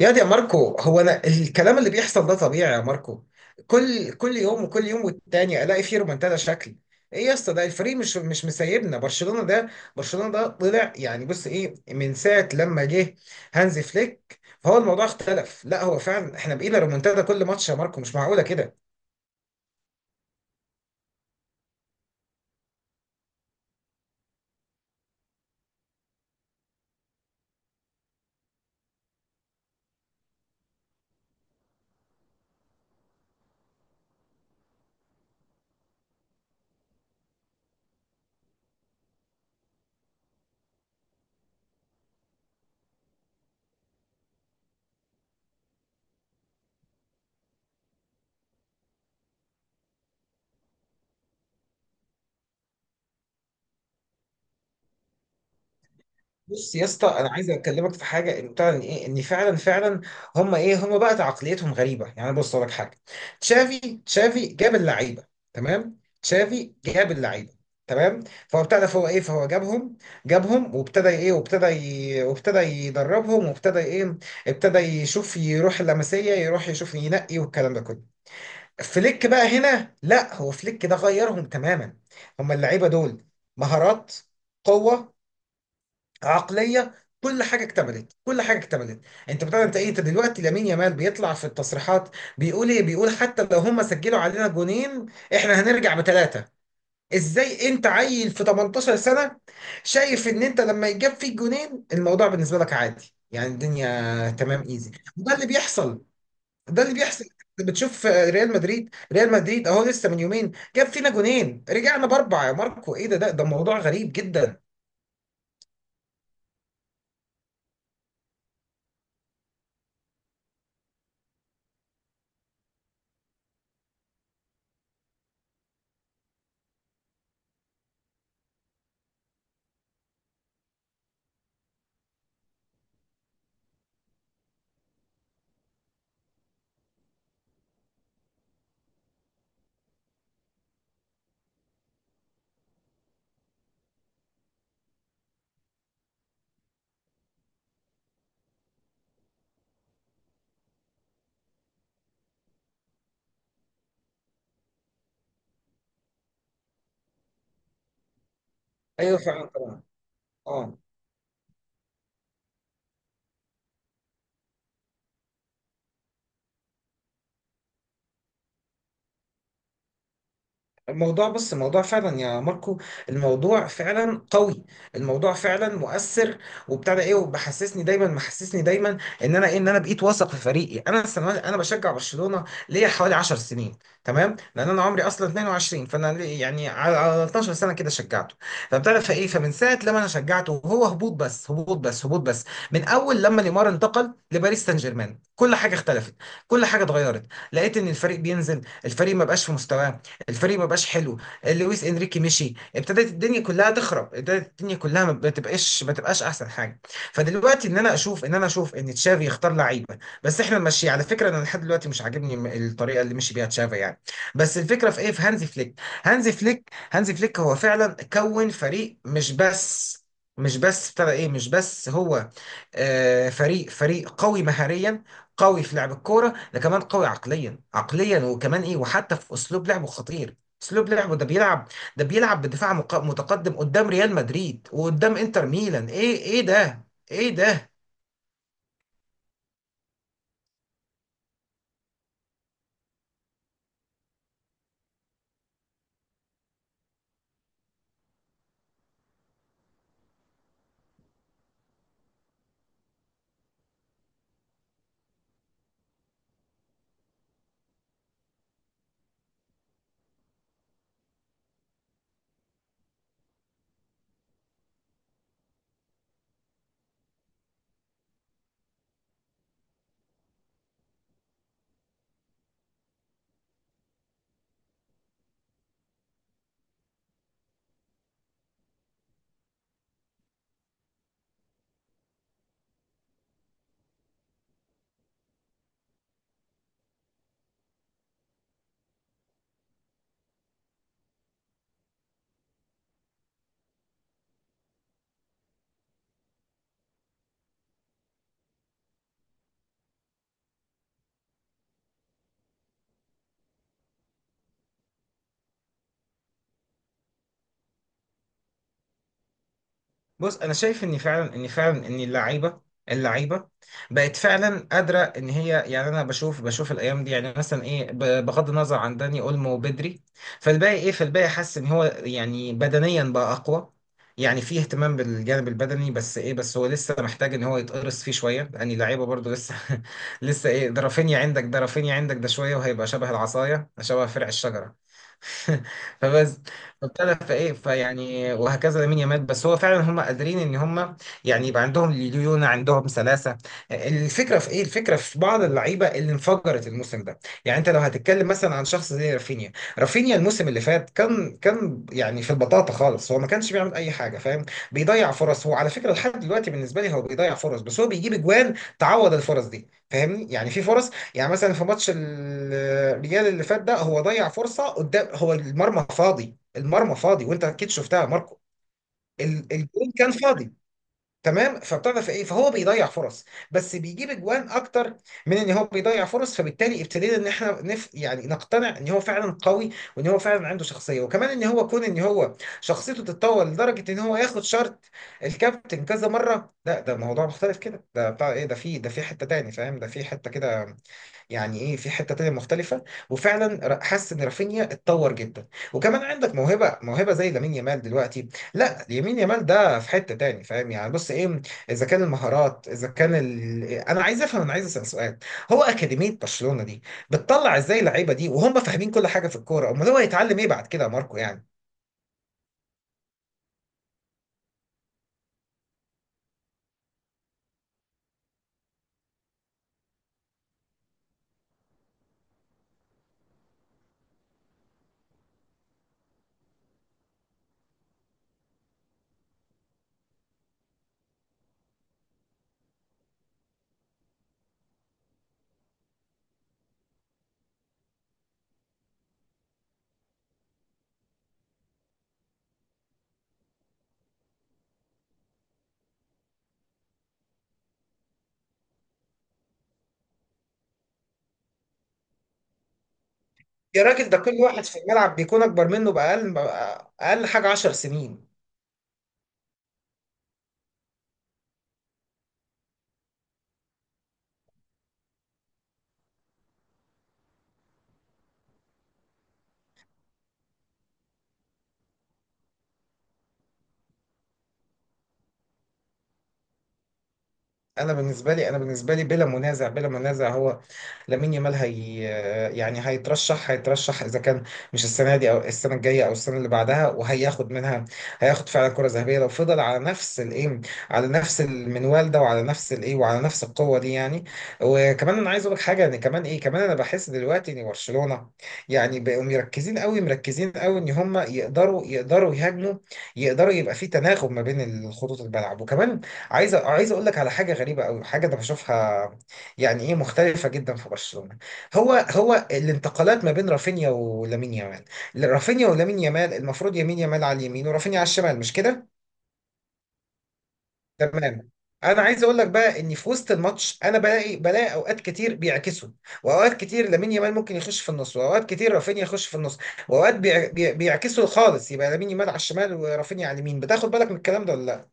يا دي يا ماركو، هو انا الكلام اللي بيحصل ده طبيعي يا ماركو؟ كل يوم وكل يوم، والتاني الاقي فيه رومنتادا. شكل ايه يا اسطى؟ ده الفريق مش مسيبنا. برشلونة ده، برشلونة ده طلع يعني، بص ايه، من ساعة لما جه هانزي فليك فهو الموضوع اختلف. لا هو فعلا احنا بقينا رومنتادا كل ماتش يا ماركو، مش معقولة كده. بص يا اسطى، انا عايز اكلمك في حاجه، ان بتاع، ان ايه، ان فعلا. هم ايه، هم بقى عقليتهم غريبه يعني. بص أقول لك حاجه، تشافي تشافي جاب اللعيبه. تمام، تشافي جاب اللعيبه، تمام. فهو ابتدى، فهو ايه، فهو جابهم. جابهم وابتدى ايه، وابتدى يدربهم وابتدى ايه. ابتدى يشوف، يروح اللمسيه، يروح يشوف ينقي والكلام ده كله. فليك بقى هنا، لا هو فليك ده غيرهم تماما. هم اللعيبه دول: مهارات، قوه، عقليه، كل حاجه اكتملت، كل حاجه اكتملت. انت بتاع، انت ايه، انت دلوقتي لامين يامال بيطلع في التصريحات، بيقول ايه، بيقول حتى لو هم سجلوا علينا جونين احنا هنرجع بثلاثه. ازاي انت عيل في 18 سنه شايف ان انت لما يجاب فيك جونين الموضوع بالنسبه لك عادي، يعني الدنيا تمام ايزي؟ وده اللي بيحصل، ده اللي بيحصل. انت بتشوف ريال مدريد، ريال مدريد اهو لسه من يومين جاب فينا جونين رجعنا باربعه يا ماركو. ايه ده، ده موضوع غريب جدا. ايوه فعلا طبعا، اه. الموضوع، بص الموضوع فعلا يا ماركو، الموضوع فعلا قوي، الموضوع فعلا مؤثر. وبتاع ده ايه، وبحسسني دايما، محسسني دايما ان انا ايه، ان انا بقيت واثق في فريقي. انا السنوات، انا بشجع برشلونه ليا حوالي 10 سنين، تمام. لان انا عمري اصلا 22، فانا يعني على 12 سنه كده شجعته. فبتعرف فايه، فمن ساعه لما انا شجعته وهو هبوط بس، هبوط بس، هبوط بس. من اول لما نيمار انتقل لباريس سان جيرمان كل حاجه اختلفت، كل حاجه اتغيرت. لقيت ان الفريق بينزل، الفريق ما بقاش في مستواه، الفريق ما بقاش حلو. لويس انريكي مشي، ابتدت الدنيا كلها تخرب، ابتدت الدنيا كلها ما بتبقاش، ما تبقاش احسن حاجه. فدلوقتي ان انا اشوف، ان انا اشوف ان تشافي يختار لعيبه، بس احنا ماشي. على فكره انا لحد دلوقتي مش عاجبني الطريقه اللي مشي بيها تشافي يعني. بس الفكره في ايه، في هانزي فليك. هانزي فليك هو فعلا كون فريق. مش بس، مش بس ابتدى ايه، مش بس هو آه فريق قوي مهاريا، قوي في لعب الكوره، ده كمان قوي عقليا وكمان ايه، وحتى في اسلوب لعبه خطير. اسلوب لعبه ده بيلعب بدفاع متقدم قدام ريال مدريد وقدام انتر ميلان. ايه، ايه ده، ايه ده. بص انا شايف ان فعلا، ان فعلا ان اللعيبه، اللعيبه بقت فعلا قادره ان هي. يعني انا بشوف، الايام دي يعني مثلا ايه، بغض النظر عن داني اولمو وبدري. فالباقي ايه، فالباقي حاسس ان هو يعني بدنيا بقى اقوى. يعني فيه اهتمام بالجانب البدني. بس ايه، بس هو لسه محتاج ان هو يتقرص فيه شويه، لان اللعيبه برضو لسه. لسه ايه، ده رافينيا عندك، ده رافينيا عندك ده شويه وهيبقى شبه العصايه، شبه فرع الشجره. فبس، فابتدى، فايه، فيعني، وهكذا لامين يامال. بس هو فعلا هم قادرين ان هم يعني يبقى عندهم ليونة، عندهم سلاسة. الفكرة في ايه، الفكرة في بعض اللعيبة اللي انفجرت الموسم ده. يعني انت لو هتتكلم مثلا عن شخص زي رافينيا، رافينيا الموسم اللي فات كان يعني في البطاطا خالص، هو ما كانش بيعمل اي حاجة فاهم. بيضيع فرص. هو على فكرة لحد دلوقتي بالنسبة لي هو بيضيع فرص، بس هو بيجيب اجوان تعوض الفرص دي فاهمني، يعني في فرص. يعني مثلا في ماتش الريال اللي فات ده، هو ضيع فرصة قدام هو المرمى فاضي، المرمى فاضي، وانت اكيد شفتها يا ماركو. الجون كان فاضي، تمام. فبتعرف ايه، فهو بيضيع فرص بس بيجيب اجوان اكتر من ان هو بيضيع فرص. فبالتالي ابتدينا ان احنا نف يعني نقتنع ان هو فعلا قوي، وان هو فعلا عنده شخصيه، وكمان ان هو كون ان هو شخصيته تتطور لدرجه ان هو ياخد شارت الكابتن كذا مره. لا ده موضوع مختلف كده، ده بتاع ايه، ده في، ده في حته تاني فاهم، ده في حته كده. يعني ايه، في حته تانية مختلفه. وفعلا حاسس ان رافينيا اتطور جدا. وكمان عندك موهبه، زي لامين يامال دلوقتي. لا يمين يامال ده في حته تاني فاهم، يعني بص ايه. اذا كان المهارات، اذا كان ال... انا عايز افهم، انا عايز اسال سؤال. هو اكاديميه برشلونه دي بتطلع ازاي اللعيبه دي وهم فاهمين كل حاجه في الكوره؟ امال هو هيتعلم ايه بعد كده يا ماركو يعني. يا راجل، ده كل واحد في الملعب بيكون اكبر منه باقل، اقل حاجه 10 سنين. انا بالنسبه لي، انا بالنسبه لي بلا منازع، بلا منازع هو لامين يامال، هي. يعني هيترشح، هيترشح اذا كان مش السنه دي او السنه الجايه او السنه اللي بعدها، وهياخد منها، هياخد فعلا كره ذهبيه لو فضل على نفس الايه، على نفس المنوال ده، وعلى نفس الايه، وعلى نفس القوه دي يعني. وكمان انا عايز اقول لك حاجه، ان كمان ايه، كمان انا بحس دلوقتي ان برشلونه يعني بقوا مركزين قوي، مركزين قوي ان هم يقدروا، يقدروا يهاجموا، يقدروا يبقى في تناغم ما بين الخطوط الملعب. وكمان عايز اقول لك على حاجه غريبه قوي، حاجه انا بشوفها يعني ايه مختلفه جدا في برشلونه. هو الانتقالات ما بين رافينيا ولامين يامال. رافينيا ولامين يامال، المفروض يمين يامال على اليمين ورافينيا على الشمال مش كده؟ تمام. انا عايز اقول لك بقى ان في وسط الماتش انا بلاقي، بلاقي اوقات كتير بيعكسوا. واوقات كتير لامين يامال ممكن يخش في النص، واوقات كتير رافينيا يخش في النص. واوقات بيعكسوا خالص، يبقى لامين يامال على الشمال ورافينيا على اليمين. بتاخد بالك من الكلام ده ولا لا؟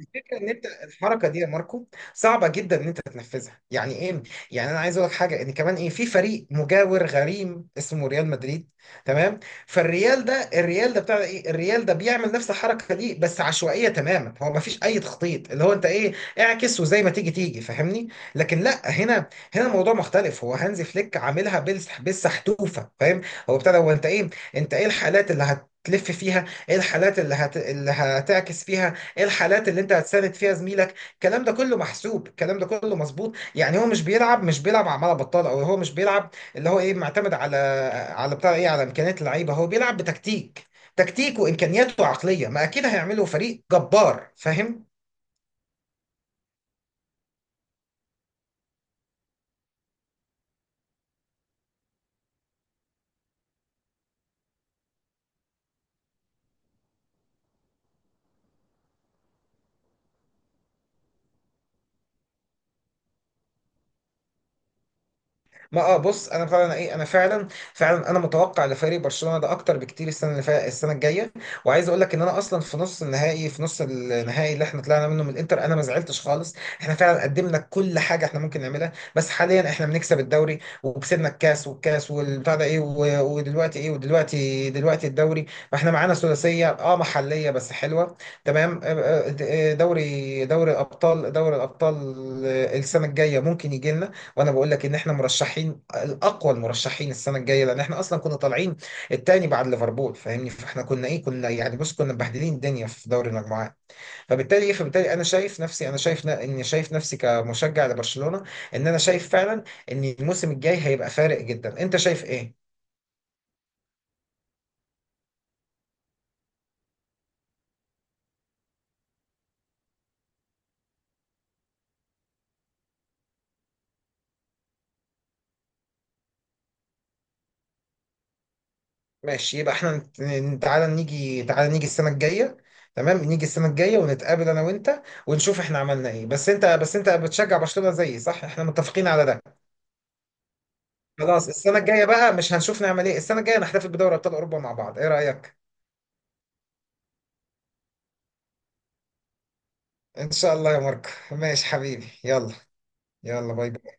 الفكره ان انت الحركه دي يا ماركو صعبه جدا ان انت تنفذها يعني ايه. يعني انا عايز اقول لك حاجه، ان كمان ايه، في فريق مجاور غريم اسمه ريال مدريد، تمام. فالريال ده، الريال ده بتاع ايه، الريال ده بيعمل نفس الحركه دي بس عشوائيه تماما، هو ما فيش اي تخطيط، اللي هو انت ايه، اعكس وزي ما تيجي تيجي فاهمني. لكن لا، هنا، هنا الموضوع مختلف، هو هانزي فليك عاملها بالسحتوفه فاهم. هو بتاع ده، هو انت ايه، انت ايه الحالات اللي هتلف فيها، ايه الحالات اللي هت... اللي هتعكس فيها، ايه الحالات اللي انت هتساند فيها زميلك. الكلام ده كله محسوب، الكلام ده كله مظبوط يعني. هو مش بيلعب، مش بيلعب عمالة بطال، او هو مش بيلعب اللي هو ايه معتمد على بتاع ايه، على امكانيات اللعيبه. هو بيلعب بتكتيك، تكتيك وامكانياته عقليه، ما اكيد هيعملوا فريق جبار فاهم. ما اه، بص انا فعلا ايه، انا فعلا، فعلا انا متوقع لفريق برشلونه ده اكتر بكتير. السنه اللي فا... السنه الجايه، وعايز اقول لك ان انا اصلا في نص النهائي، في نص النهائي اللي احنا طلعنا منه من الانتر، انا ما زعلتش خالص. احنا فعلا قدمنا كل حاجه احنا ممكن نعملها، بس حاليا احنا بنكسب الدوري، وكسبنا الكاس، والكاس والبتاع ده ايه، و... ودلوقتي ايه، ودلوقتي، دلوقتي الدوري. فاحنا معانا ثلاثيه اه محليه بس حلوه، تمام. آه، آه، آه، دوري، دوري ابطال، دوري الابطال آه. السنه الجايه ممكن يجي لنا. وانا بقول لك ان احنا مرشحين الاقوى، المرشحين السنه الجايه، لان احنا اصلا كنا طالعين التاني بعد ليفربول فاهمني. فاحنا كنا ايه، كنا يعني بص كنا مبهدلين الدنيا في دوري المجموعات. فبالتالي ايه، فبالتالي انا شايف نفسي، انا شايف اني شايف نفسي كمشجع لبرشلونه، ان انا شايف فعلا ان الموسم الجاي هيبقى فارق جدا. انت شايف ايه؟ ماشي، يبقى احنا تعالى نيجي، تعالى نيجي السنه الجايه، تمام. نيجي السنه الجايه ونتقابل انا وانت ونشوف احنا عملنا ايه. بس انت، بس انت بتشجع برشلونه زيي صح، احنا متفقين على ده؟ خلاص السنة الجاية بقى، مش هنشوف نعمل ايه؟ السنة الجاية نحتفل بدوري ابطال اوروبا مع بعض، ايه رأيك؟ ان شاء الله يا ماركو، ماشي حبيبي، يلا. يلا باي باي.